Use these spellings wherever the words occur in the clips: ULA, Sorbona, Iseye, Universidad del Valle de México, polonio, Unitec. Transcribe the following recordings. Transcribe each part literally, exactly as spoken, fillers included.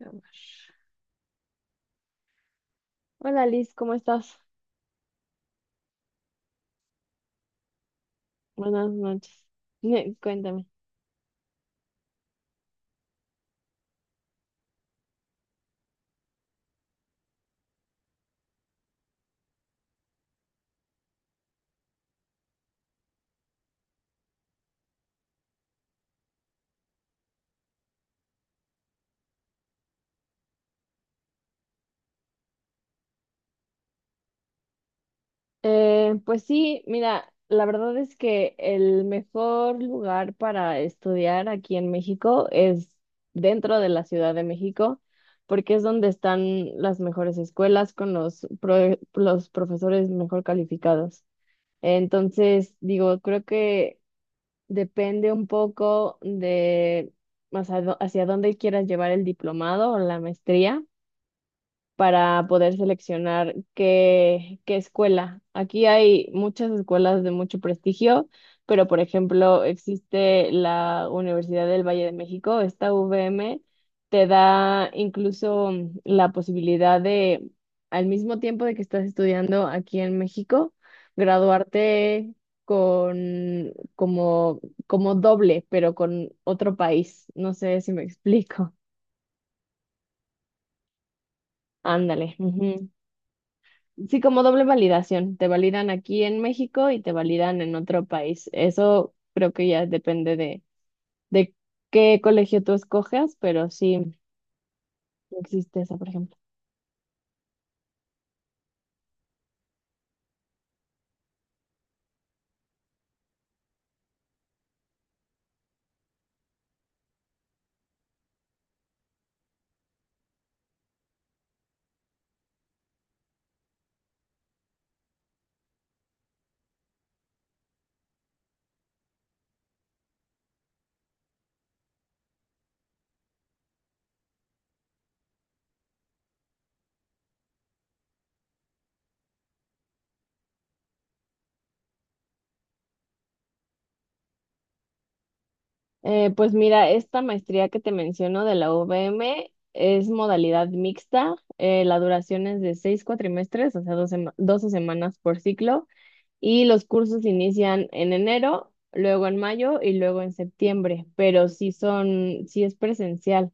Vamos. Hola Liz, ¿cómo estás? Buenas noches. Cuéntame. Eh, pues sí, mira, la verdad es que el mejor lugar para estudiar aquí en México es dentro de la Ciudad de México, porque es donde están las mejores escuelas con los, pro- los profesores mejor calificados. Entonces, digo, creo que depende un poco de más a dó- hacia dónde quieras llevar el diplomado o la maestría para poder seleccionar qué, qué escuela. Aquí hay muchas escuelas de mucho prestigio, pero por ejemplo existe la Universidad del Valle de México, esta U V M te da incluso mm, la posibilidad de, al mismo tiempo de que estás estudiando aquí en México, graduarte con como, como doble, pero con otro país. No sé si me explico. Ándale. Sí, como doble validación. Te validan aquí en México y te validan en otro país. Eso creo que ya depende de, de qué colegio tú escoges, pero sí existe esa, por ejemplo. Eh, pues mira, esta maestría que te menciono de la U V M es modalidad mixta. eh, la duración es de seis cuatrimestres, o sea, doce doce semanas por ciclo. Y los cursos inician en enero, luego en mayo y luego en septiembre, pero sí son, sí es presencial.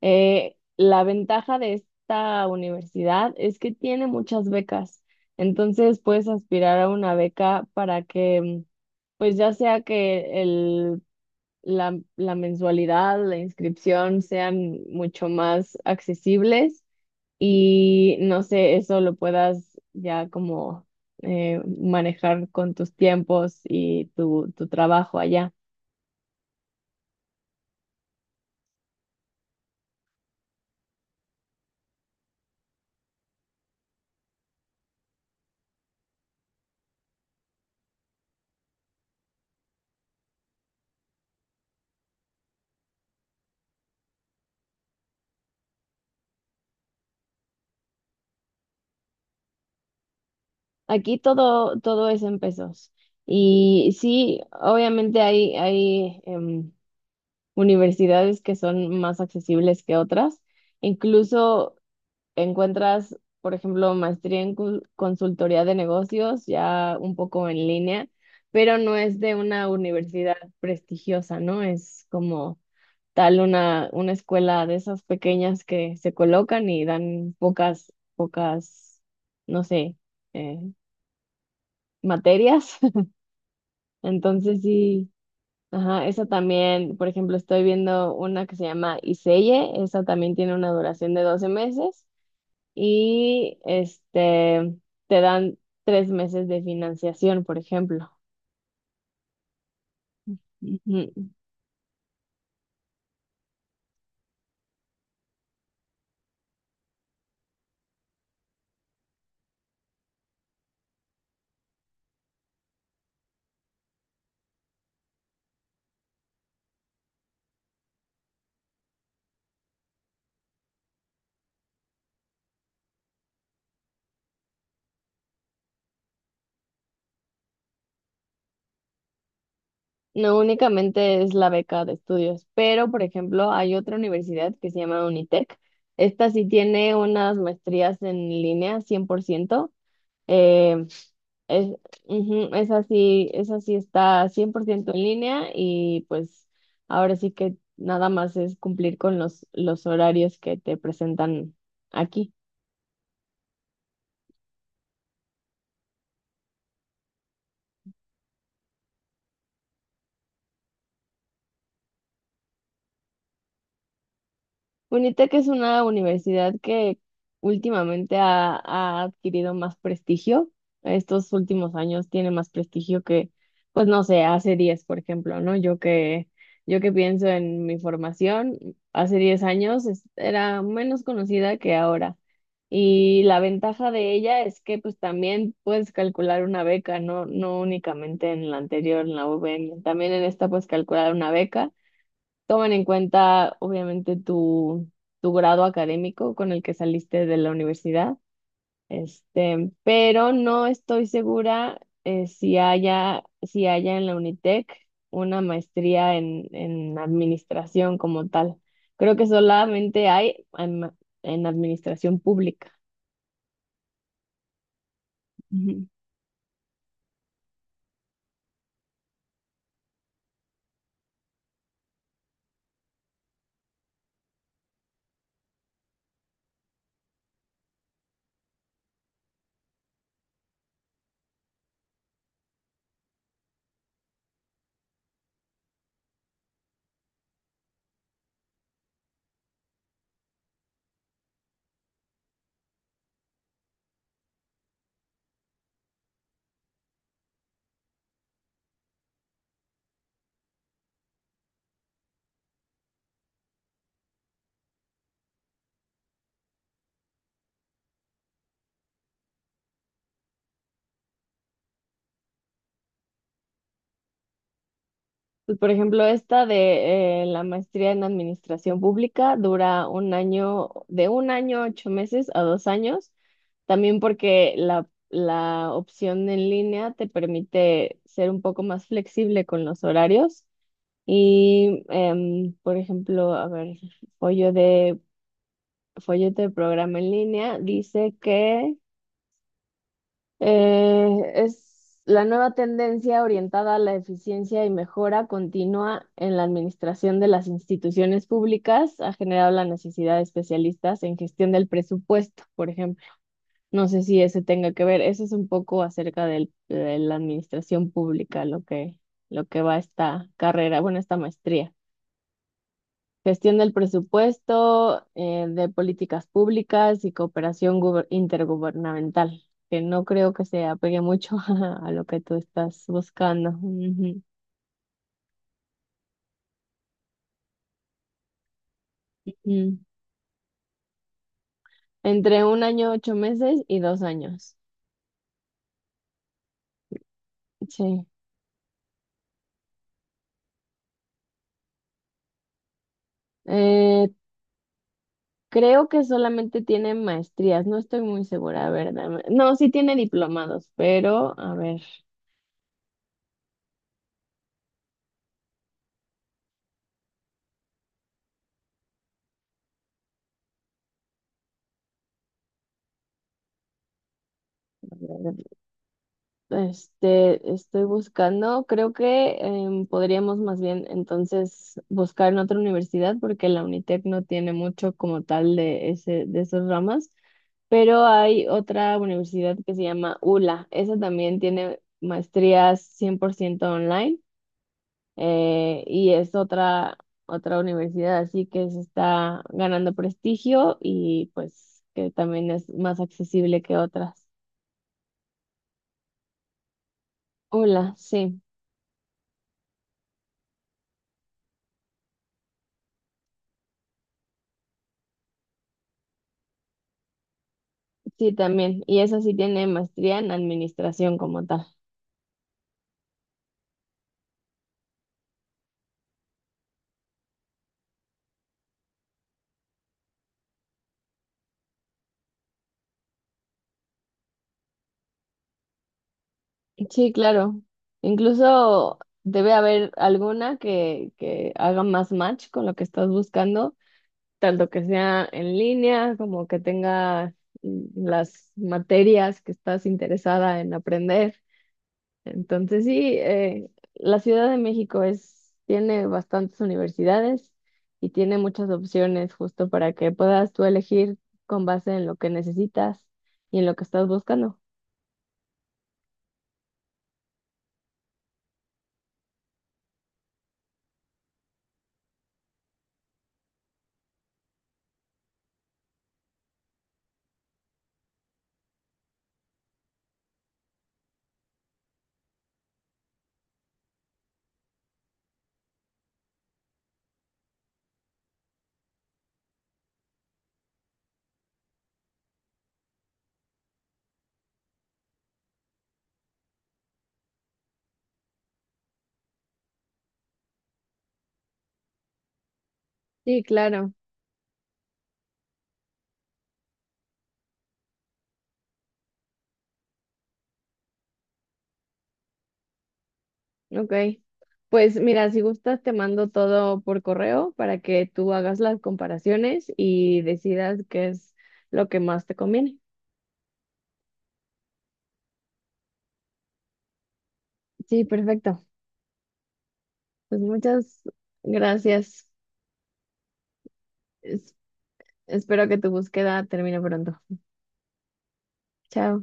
Eh, la ventaja de esta universidad es que tiene muchas becas, entonces puedes aspirar a una beca para que, mm, pues ya sea que el, la, la mensualidad, la inscripción sean mucho más accesibles y no sé, eso lo puedas ya como eh, manejar con tus tiempos y tu, tu trabajo allá. Aquí todo, todo es en pesos. Y sí, obviamente hay, hay em, universidades que son más accesibles que otras. Incluso encuentras, por ejemplo, maestría en cul- consultoría de negocios ya un poco en línea, pero no es de una universidad prestigiosa, ¿no? Es como tal una, una escuela de esas pequeñas que se colocan y dan pocas, pocas, no sé, eh, materias. Entonces sí, ajá, esa también, por ejemplo, estoy viendo una que se llama Iseye, esa también tiene una duración de doce meses y este, te dan tres meses de financiación, por ejemplo. Ujú. No únicamente es la beca de estudios, pero por ejemplo hay otra universidad que se llama Unitec. Esta sí tiene unas maestrías en línea cien por ciento. Eh, es, ujú, esa sí, esa sí está cien por ciento en línea y pues ahora sí que nada más es cumplir con los, los horarios que te presentan aquí. UNITEC es una universidad que últimamente ha, ha adquirido más prestigio. Estos últimos años tiene más prestigio que, pues no sé, hace diez por ejemplo, ¿no? Yo que, yo que pienso en mi formación, hace diez años es- era menos conocida que ahora. Y la ventaja de ella es que pues también puedes calcular una beca, no, no únicamente en la anterior, en la U V M, también en esta puedes calcular una beca. Toman en cuenta, obviamente, tu, tu grado académico con el que saliste de la universidad, este, pero no estoy segura eh, si haya, si haya en la Unitec una maestría en, en administración como tal. Creo que solamente hay en, en administración pública. Pues, por ejemplo, esta de eh, la maestría en administración pública dura un año, de un año, ocho meses a dos años, también porque la, la opción en línea te permite ser un poco más flexible con los horarios. Y, em, por ejemplo, a ver, follo de, folleto de programa en línea dice que eh, es la nueva tendencia orientada a la eficiencia y mejora continua en la administración de las instituciones públicas ha generado la necesidad de especialistas en gestión del presupuesto, por ejemplo. No sé si ese tenga que ver. Eso es un poco acerca del- de la administración pública, lo que, lo que va esta carrera, bueno, esta maestría. Gestión del presupuesto, eh, de políticas públicas y cooperación guber- intergubernamental, que no creo que se apegue mucho a lo que tú estás buscando. Ujú. Mm. Entre un año, ocho meses y dos años. Sí. Eh, creo que solamente tiene maestrías, no estoy muy segura, a ver, dame- no, sí tiene diplomados, pero a ver, Este, estoy buscando, creo que em, podríamos más bien entonces buscar en otra universidad porque la Unitec no tiene mucho como tal de ese, de esas ramas, pero hay otra universidad que se llama ULA, esa también tiene maestrías cien por ciento online eh, y es otra, otra universidad, así que se está ganando prestigio y pues que también es más accesible que otras. ULA, sí. Sí, también. Y esa sí tiene maestría en administración como tal. Sí, claro. Incluso debe haber alguna que, que haga más match con lo que estás buscando, tanto que sea en línea como que tenga mm, las materias que estás interesada en aprender. Entonces sí, eh, la Ciudad de México es, tiene bastantes universidades y tiene muchas opciones justo para que puedas tú elegir con base en lo que necesitas y en lo que estás buscando. Sí, claro. Ok. Pues mira, si gustas, te mando todo por correo para que tú hagas las comparaciones y decidas qué es lo que más te conviene. Sí, perfecto. Pues muchas gracias. Es- espero que tu búsqueda termine pronto. Chao.